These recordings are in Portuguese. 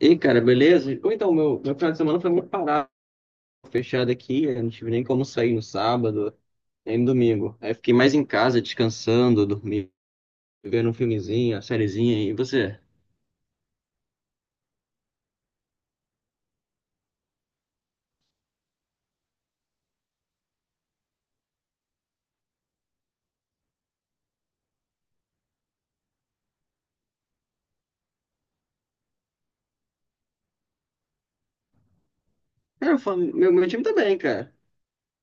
E aí, cara, beleza? Ou então, meu final de semana foi muito parado, fechado aqui, eu não tive nem como sair no sábado, nem no domingo. Aí fiquei mais em casa, descansando, dormindo, vendo um filmezinho, uma sériezinha. E você? Cara, meu time tá bem, cara.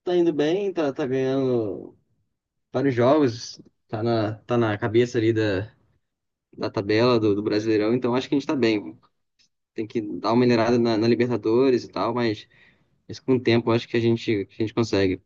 Tá indo bem, tá ganhando vários jogos, tá na cabeça ali da tabela do Brasileirão, então acho que a gente tá bem. Tem que dar uma minerada na Libertadores e tal, mas com o tempo acho que a gente consegue.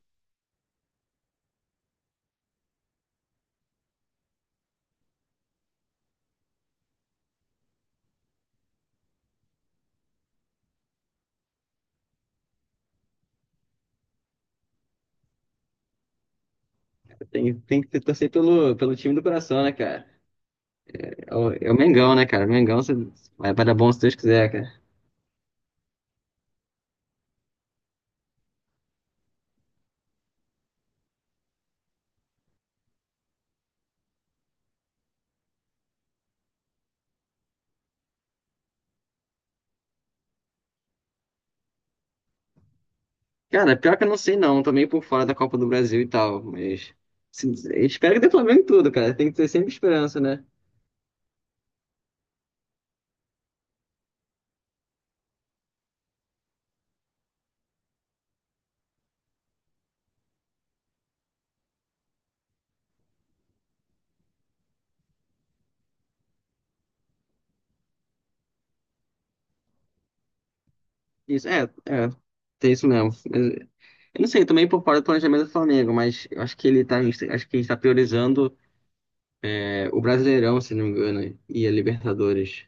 Tem que torcer pelo time do coração, né, cara? É o Mengão, né, cara? O Mengão se- vai, vai dar bom se Deus quiser, cara. Cara, pior que eu não sei não, tô meio por fora da Copa do Brasil e tal, mas se- espero que dê Flamengo em tudo, cara. Tem que ter sempre esperança, né? Isso, é, é, tem isso mesmo. Mas, eu não sei, tô meio por fora do planejamento do Flamengo, mas eu acho que ele tá, acho que ele tá priorizando o Brasileirão, se não me engano, e a Libertadores.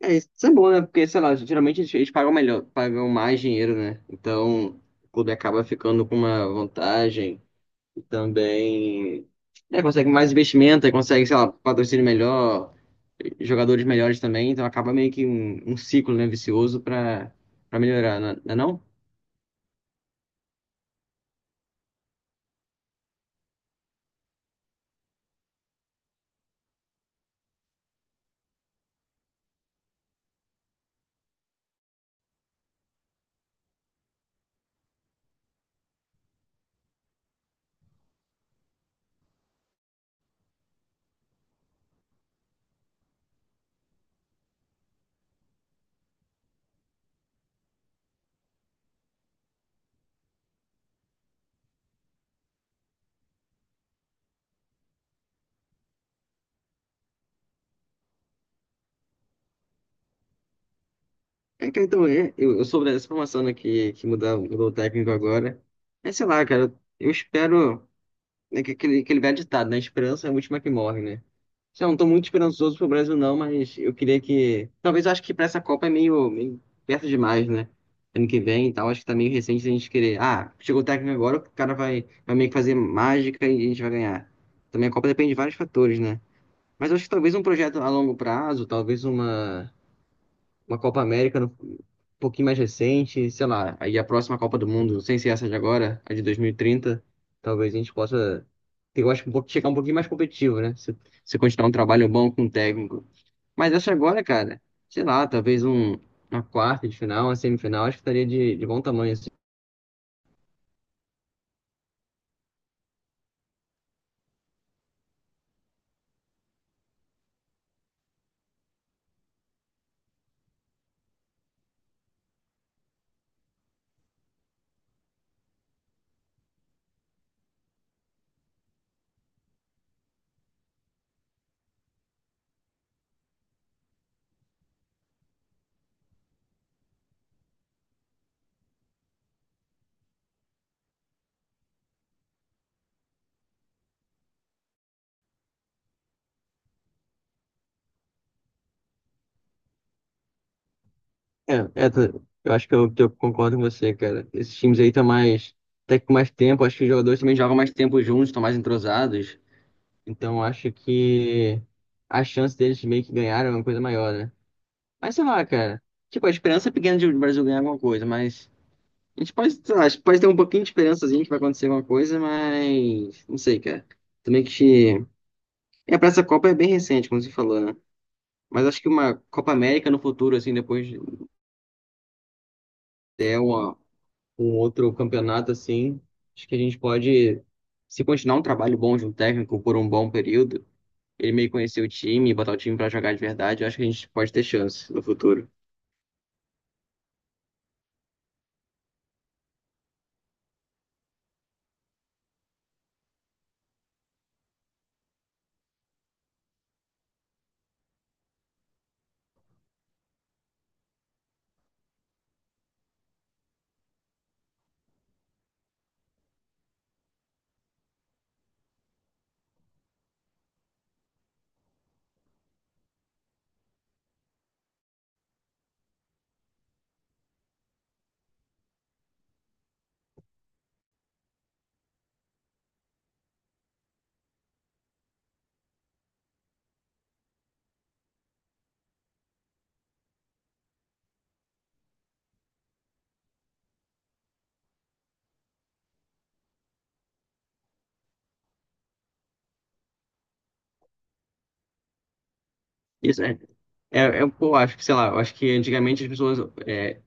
É, isso é bom, né? Porque, sei lá, geralmente eles pagam melhor, pagam mais dinheiro, né? Então, o clube acaba ficando com uma vantagem e também, né, consegue mais investimento, aí consegue, sei lá, patrocínio melhor, jogadores melhores também, então acaba meio que um ciclo, né, vicioso para melhorar, né? Não é não? é É, cara, então, é, eu soube dessa informação, né, que mudou o técnico agora. É, sei lá, cara, eu espero. É que aquele velho ditado, né? Esperança é a última que morre, né? Já não tô muito esperançoso pro Brasil, não, mas eu queria que. Talvez eu acho que pra essa Copa é meio, meio perto demais, né? Ano que vem e tal, acho que tá meio recente a gente querer. Ah, chegou o técnico agora, o cara vai, vai meio que fazer mágica e a gente vai ganhar. Também a Copa depende de vários fatores, né? Mas eu acho que talvez um projeto a longo prazo, talvez uma Copa América um pouquinho mais recente, sei lá, aí a próxima Copa do Mundo, sem ser essa de agora, a de 2030, talvez a gente possa, eu acho que um pouco, chegar um pouquinho mais competitivo, né? Se continuar um trabalho bom com o técnico. Mas essa agora, cara, sei lá, talvez um, uma quarta de final, uma semifinal, acho que estaria de bom tamanho, assim. É, é, tô- eu acho que eu concordo com você, cara. Esses times aí estão mais, até que com mais tempo, acho que os jogadores também jogam mais tempo juntos, estão mais entrosados. Então eu acho que a chance deles meio que ganharem é uma coisa maior, né? Mas sei lá, cara. Tipo, a esperança é pequena de o Brasil ganhar alguma coisa, mas a gente pode, sei lá, a gente pode ter um pouquinho de esperançazinha que vai acontecer alguma coisa, mas não sei, cara. Também que é pra essa Copa é bem recente, como você falou, né? Mas acho que uma Copa América no futuro, assim, depois de ter uma- um outro campeonato assim, acho que a gente pode, se continuar um trabalho bom de um técnico por um bom período ele meio conhecer o time, botar o time pra jogar de verdade, eu acho que a gente pode ter chance no futuro. Isso é, é, é pô, acho que, sei lá, eu acho que antigamente as pessoas, é,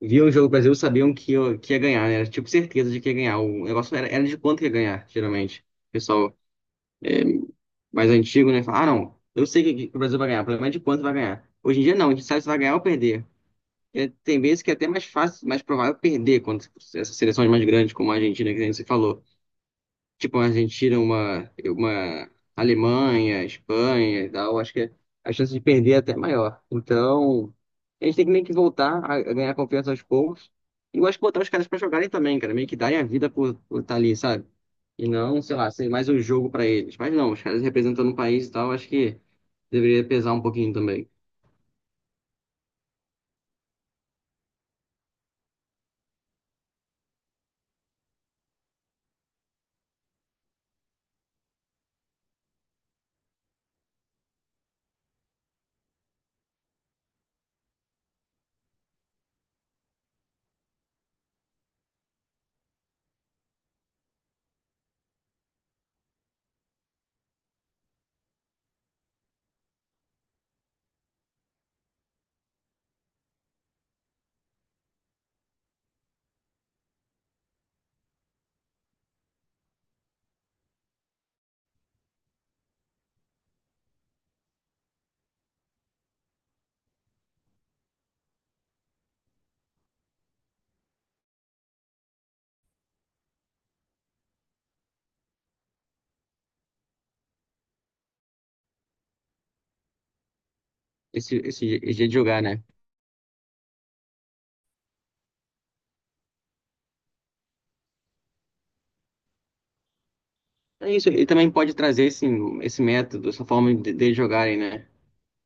viam o jogo do Brasil e sabiam que ia ganhar, né? Era tipo certeza de que ia ganhar. O negócio era de quanto que ia ganhar, geralmente. O pessoal mais antigo, né? Fala, ah, não, eu sei que o Brasil vai ganhar, o problema é de quanto vai ganhar. Hoje em dia não, a gente sabe se vai ganhar ou perder. E tem vezes que é até mais fácil, mais provável perder contra essas seleções mais grandes, como a Argentina, que nem você falou. Tipo uma Argentina, uma Alemanha, Espanha e tal, acho que a chance de perder é até maior. Então, a gente tem que meio que voltar a ganhar confiança aos poucos. E eu acho que botar os caras pra jogarem também, cara, meio que darem a vida por estar ali, sabe? E não, sei lá, ser mais um jogo pra eles. Mas não, os caras representando o país e tal, acho que deveria pesar um pouquinho também. Esse jeito de jogar, né? É isso, ele também pode trazer esse, esse método, essa forma de jogarem, né?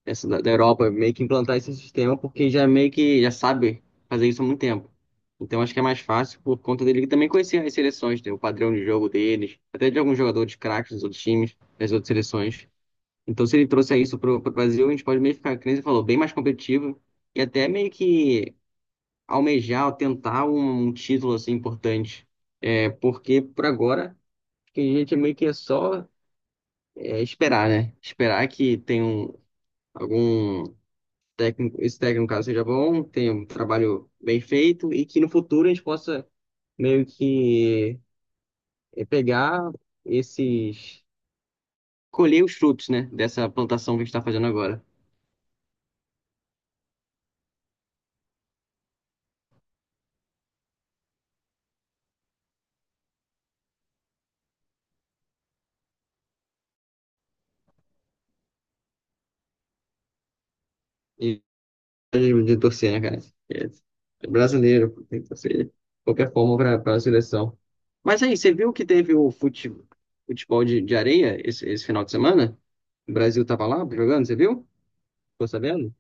Essa da Europa meio que implantar esse sistema porque já meio que já sabe fazer isso há muito tempo. Então acho que é mais fácil por conta dele também conhecer as seleções, né, o padrão de jogo deles, até de alguns jogadores craques dos outros times, das outras seleções. Então se ele trouxer isso pro Brasil, a gente pode meio que ficar, como você falou, bem mais competitivo e até meio que almejar, ou tentar um, um título assim importante. É, porque por agora acho que a gente meio que é só, é, esperar, né? Esperar que tenha um, algum técnico, esse técnico, no caso, seja bom, tenha um trabalho bem feito e que no futuro a gente possa meio que, eh, pegar esses, colher os frutos, né, dessa plantação que a gente está fazendo agora. E de torcer, né, cara? É, é brasileiro, tem que torcer de qualquer forma para a seleção. Mas aí, você viu que teve futebol de areia esse final de semana? O Brasil tava lá jogando, você viu? Ficou sabendo?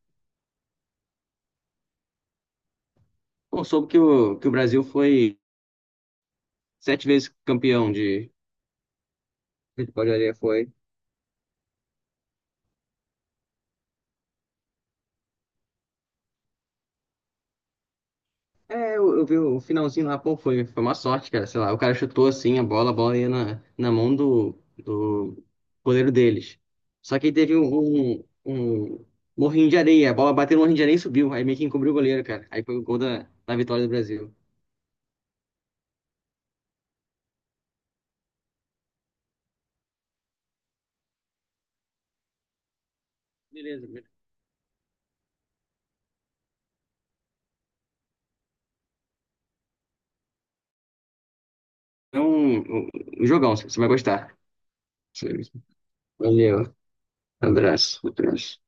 Pô, soube que o Brasil foi sete vezes campeão de, futebol de areia, foi. É, eu vi o finalzinho lá, pô, foi, foi uma sorte, cara. Sei lá, o cara chutou assim a bola ia na mão do goleiro deles. Só que aí teve um morrinho de areia, a bola bateu no morrinho de areia e subiu. Aí meio que encobriu o goleiro, cara. Aí foi o gol da vitória do Brasil. Beleza, beleza. Então, um um jogão, você vai gostar. Valeu, abraço, abraço.